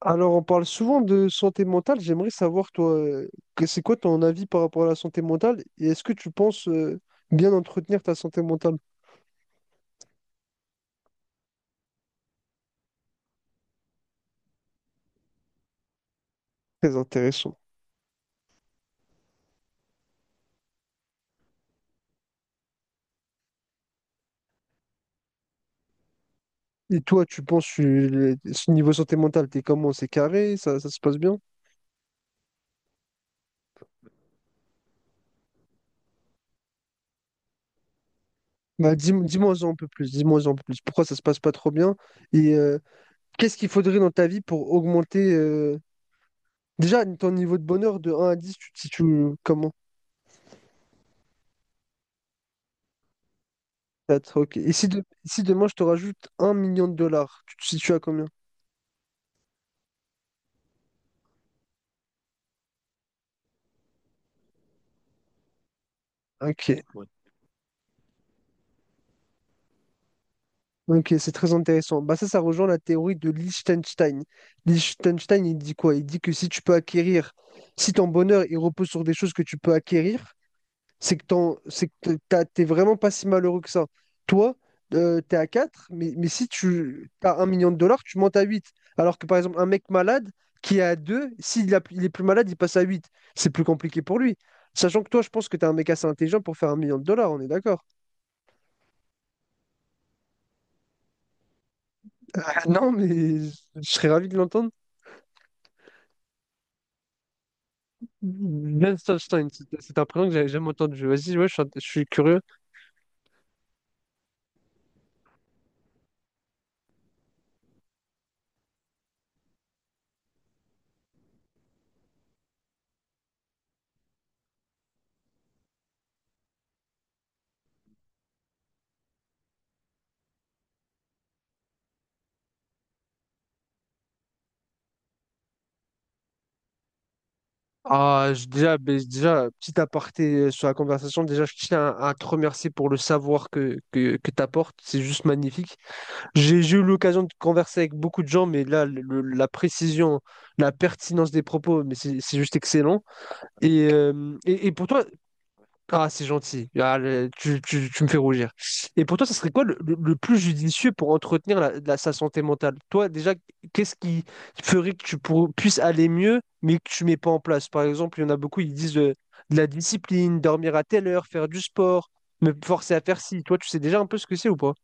Alors, on parle souvent de santé mentale. J'aimerais savoir, toi, c'est quoi ton avis par rapport à la santé mentale et est-ce que tu penses bien entretenir ta santé mentale? Très intéressant. Et toi, tu penses, ce niveau santé mentale, t'es comment? C'est carré? Ça se passe bien? Bah, dis, moi un peu plus. Dis-moi un peu plus. Pourquoi ça se passe pas trop bien? Et qu'est-ce qu'il faudrait dans ta vie pour augmenter déjà ton niveau de bonheur de 1 à 10, tu te situes comment? 4, ok. Et si, si demain je te rajoute 1 million de dollars, tu te situes à combien? Ok. Ok, c'est très intéressant. Bah ça, ça rejoint la théorie de Liechtenstein. Liechtenstein, il dit quoi? Il dit que si tu peux acquérir, si ton bonheur il repose sur des choses que tu peux acquérir, c'est que c'est que t'es vraiment pas si malheureux que ça. Toi, t'es à 4, mais si tu as 1 million de dollars, tu montes à 8. Alors que par exemple, un mec malade qui est à 2, il est plus malade, il passe à 8. C'est plus compliqué pour lui. Sachant que toi, je pense que t'es un mec assez intelligent pour faire 1 million de dollars, on est d'accord? Ah, non, mais je serais ravi de l'entendre. Liechtenstein, c'est un prénom que j'avais jamais entendu. Vas-y, ouais, je suis curieux. Ah, déjà, petit aparté sur la conversation, déjà, je tiens à te remercier pour le savoir que tu apportes. C'est juste magnifique. J'ai eu l'occasion de converser avec beaucoup de gens, mais là, la précision, la pertinence des propos, mais c'est juste excellent. Et pour toi, ah, c'est gentil. Ah, tu me fais rougir. Et pour toi, ça serait quoi le plus judicieux pour entretenir sa santé mentale? Toi, déjà, qu'est-ce qui ferait que tu puisses aller mieux, mais que tu mets pas en place? Par exemple, il y en a beaucoup, ils disent la discipline, dormir à telle heure, faire du sport, me forcer à faire ci. Toi, tu sais déjà un peu ce que c'est ou pas?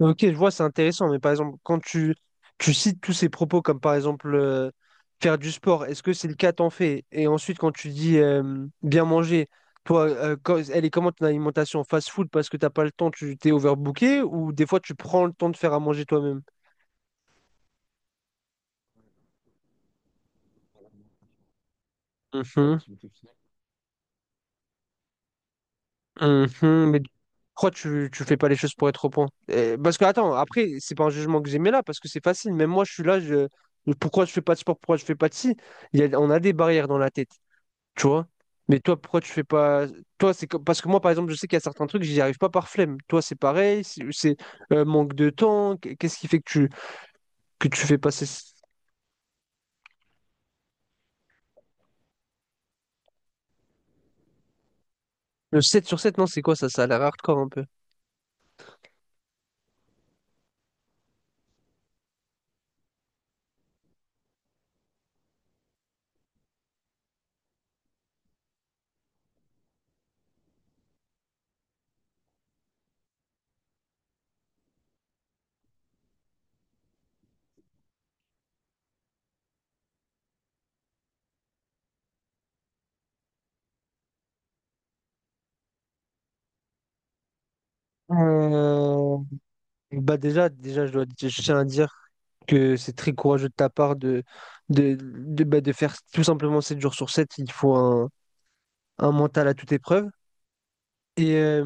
Ok, je vois, c'est intéressant, mais par exemple, quand tu cites tous ces propos, comme par exemple faire du sport, est-ce que c'est le cas, t'en fais? Et ensuite, quand tu dis bien manger, toi, elle est comment ton alimentation? Fast-food parce que t'as pas le temps, tu t'es overbooké, ou des fois tu prends le temps de faire à manger toi-même? Mhm, mhm, mais pourquoi tu fais pas les choses pour être au point? Parce que attends, après, c'est pas un jugement que j'aimais là, parce que c'est facile, même moi je suis là, je, pourquoi je fais pas de sport, pourquoi je fais pas de ci? On a des barrières dans la tête. Tu vois? Mais toi, pourquoi tu fais pas. Toi, parce que moi, par exemple, je sais qu'il y a certains trucs, j'y arrive pas par flemme. Toi, c'est pareil, c'est manque de temps. Qu'est-ce qui fait que tu fais passer le 7 sur 7? Non, c'est quoi ça? Ça a l'air hardcore un peu. Euh, Bah déjà, je tiens à dire que c'est très courageux de ta part de faire tout simplement 7 jours sur 7. Il faut un mental à toute épreuve. Et,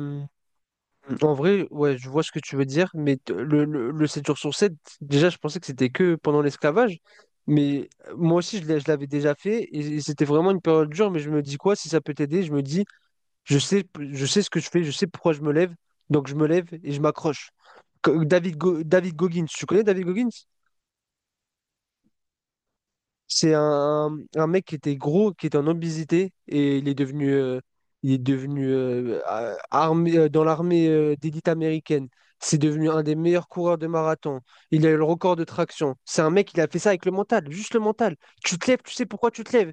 En vrai, ouais, je vois ce que tu veux dire, mais le 7 jours sur 7, déjà, je pensais que c'était que pendant l'esclavage, mais moi aussi, je l'avais déjà fait, et c'était vraiment une période dure, mais je me dis quoi, si ça peut t'aider, je me dis, je sais, je sais ce que je fais, je sais pourquoi je me lève, donc je me lève et je m'accroche. David Goggins, tu connais David Goggins? C'est un mec qui était gros, qui était en obésité, et il est devenu dans l'armée d'élite américaine. C'est devenu un des meilleurs coureurs de marathon. Il a eu le record de traction. C'est un mec, il a fait ça avec le mental, juste le mental. Tu te lèves, tu sais pourquoi tu te lèves.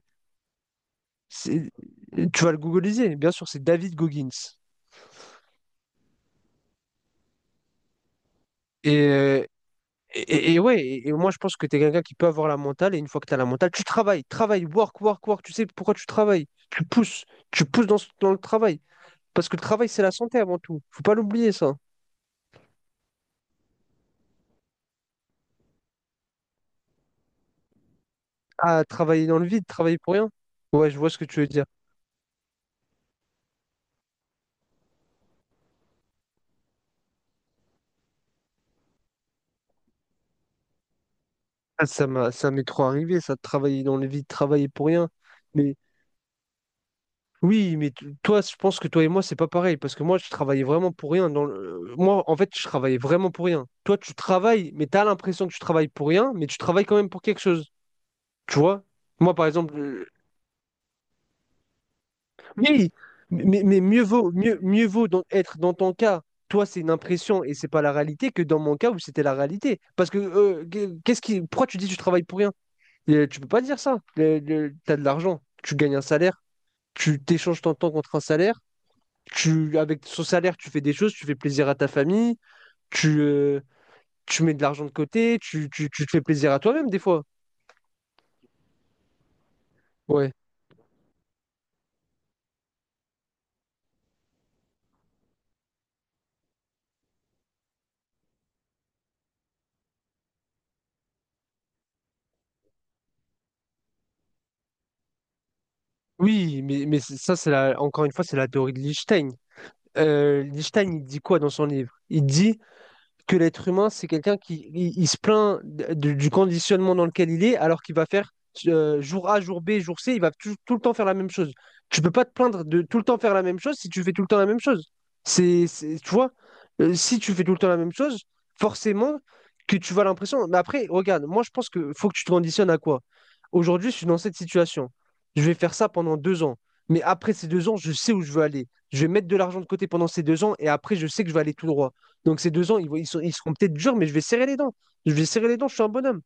C'est- Tu vas le googliser, bien sûr, c'est David Goggins. Et, euh, et ouais, moi je pense que tu es quelqu'un qui peut avoir la mentale, et une fois que tu as la mentale, tu travailles, travailles, work, work, work, tu sais pourquoi tu travailles. Tu pousses dans le travail. Parce que le travail, c'est la santé avant tout. Faut pas l'oublier, ça. Ah, travailler dans le vide, travailler pour rien. Ouais, je vois ce que tu veux dire. Ah, ça m'est trop arrivé, ça, de travailler dans le vide, travailler pour rien. Mais oui, mais toi, je pense que toi et moi, c'est pas pareil. Parce que moi, je travaillais vraiment pour rien. Moi, en fait, je travaillais vraiment pour rien. Toi, tu travailles, mais t'as l'impression que tu travailles pour rien, mais tu travailles quand même pour quelque chose. Tu vois? Moi, par exemple, Oui, mais mieux vaut être dans ton cas. Toi, c'est une impression et c'est pas la réalité que dans mon cas où c'était la réalité. Parce que pourquoi tu dis que tu travailles pour rien? Tu peux pas dire ça. T'as de l'argent, tu gagnes un salaire, tu t'échanges ton temps contre un salaire. Tu, avec ce salaire, tu fais des choses, tu fais plaisir à ta famille, tu, euh, tu mets de l'argent de côté, tu te fais plaisir à toi-même des fois. Ouais. Oui, mais ça, c'est encore une fois, c'est la théorie de Lichtenstein. Lichtenstein, il dit quoi dans son livre? Il dit que l'être humain, c'est quelqu'un qui il se plaint du conditionnement dans lequel il est, alors qu'il va faire jour A, jour B, jour C, il va tout le temps faire la même chose. Tu peux pas te plaindre de tout le temps faire la même chose si tu fais tout le temps la même chose. Tu vois, si tu fais tout le temps la même chose, forcément que tu vas l'impression. Mais après, regarde, moi je pense que faut que tu te conditionnes à quoi? Aujourd'hui, je suis dans cette situation. Je vais faire ça pendant 2 ans. Mais après ces 2 ans, je sais où je veux aller. Je vais mettre de l'argent de côté pendant ces 2 ans et après, je sais que je vais aller tout droit. Donc ces 2 ans, ils, vont- ils sont- ils seront peut-être durs, mais je vais serrer les dents. Je vais serrer les dents, je suis un bonhomme.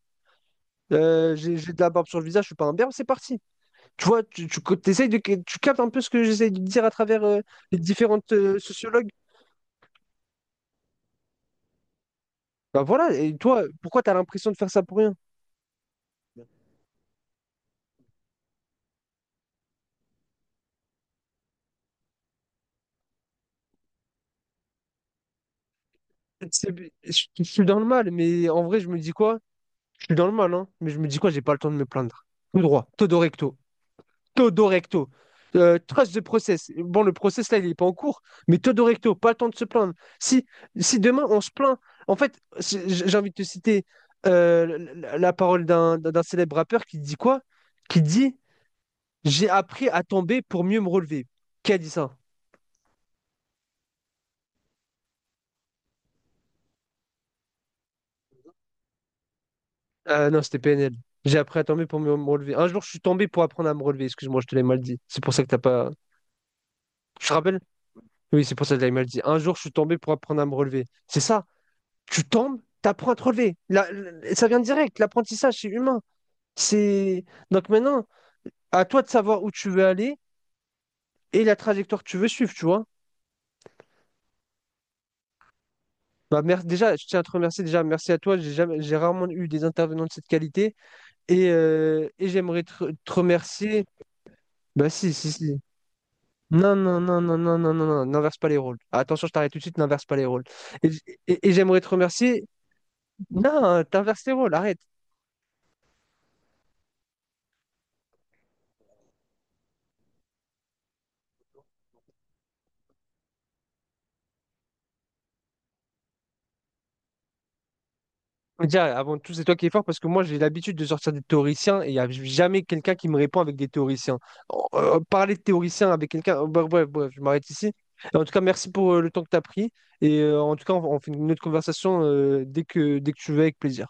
J'ai de la barbe sur le visage, je suis pas un berbe, c'est parti. Tu vois, tu captes un peu ce que j'essaie de dire à travers les différentes sociologues. Bah voilà, et toi, pourquoi tu as l'impression de faire ça pour rien? C'est- je suis dans le mal, mais en vrai, je me dis quoi? Je suis dans le mal, hein, mais je me dis quoi? J'ai pas le temps de me plaindre. Tout droit, todo recto. Todo Recto. Trust the process. Bon, le process là, il n'est pas en cours, mais Todo Recto, pas le temps de se plaindre. Si, si demain on se plaint, en fait, j'ai envie de te citer la parole d'un célèbre rappeur qui dit quoi. Qui dit: J'ai appris à tomber pour mieux me relever. Qui a dit ça? Non, c'était PNL. J'ai appris à tomber pour mieux me relever. Un jour, je suis tombé pour apprendre à me relever. Excuse-moi, je te l'ai mal dit. C'est pour ça que t'as pas. Je te rappelle. Oui, c'est pour ça que je l'ai mal dit. Un jour, je suis tombé pour apprendre à me relever. C'est ça. Tu tombes, tu apprends à te relever. Ça vient direct, l'apprentissage, c'est humain. C'est... Donc maintenant, à toi de savoir où tu veux aller et la trajectoire que tu veux suivre, tu vois. Bah, déjà, je tiens à te remercier, déjà, merci à toi, j'ai jamais, j'ai rarement eu des intervenants de cette qualité et j'aimerais te remercier. Bah si, si, si. Non, non, non, non, non, non, non, non, n'inverse pas les rôles. Attention, je t'arrête tout de suite, n'inverse pas les rôles. Et, j- et j'aimerais te remercier. Non, t'inverses les rôles, arrête. Déjà, avant tout, c'est toi qui es fort parce que moi, j'ai l'habitude de sortir des théoriciens et il n'y a jamais quelqu'un qui me répond avec des théoriciens. Oh, parler de théoriciens avec quelqu'un, bref, bref, bref, je m'arrête ici. En tout cas, merci pour le temps que tu as pris et en tout cas, on fait une autre conversation dès que tu veux avec plaisir.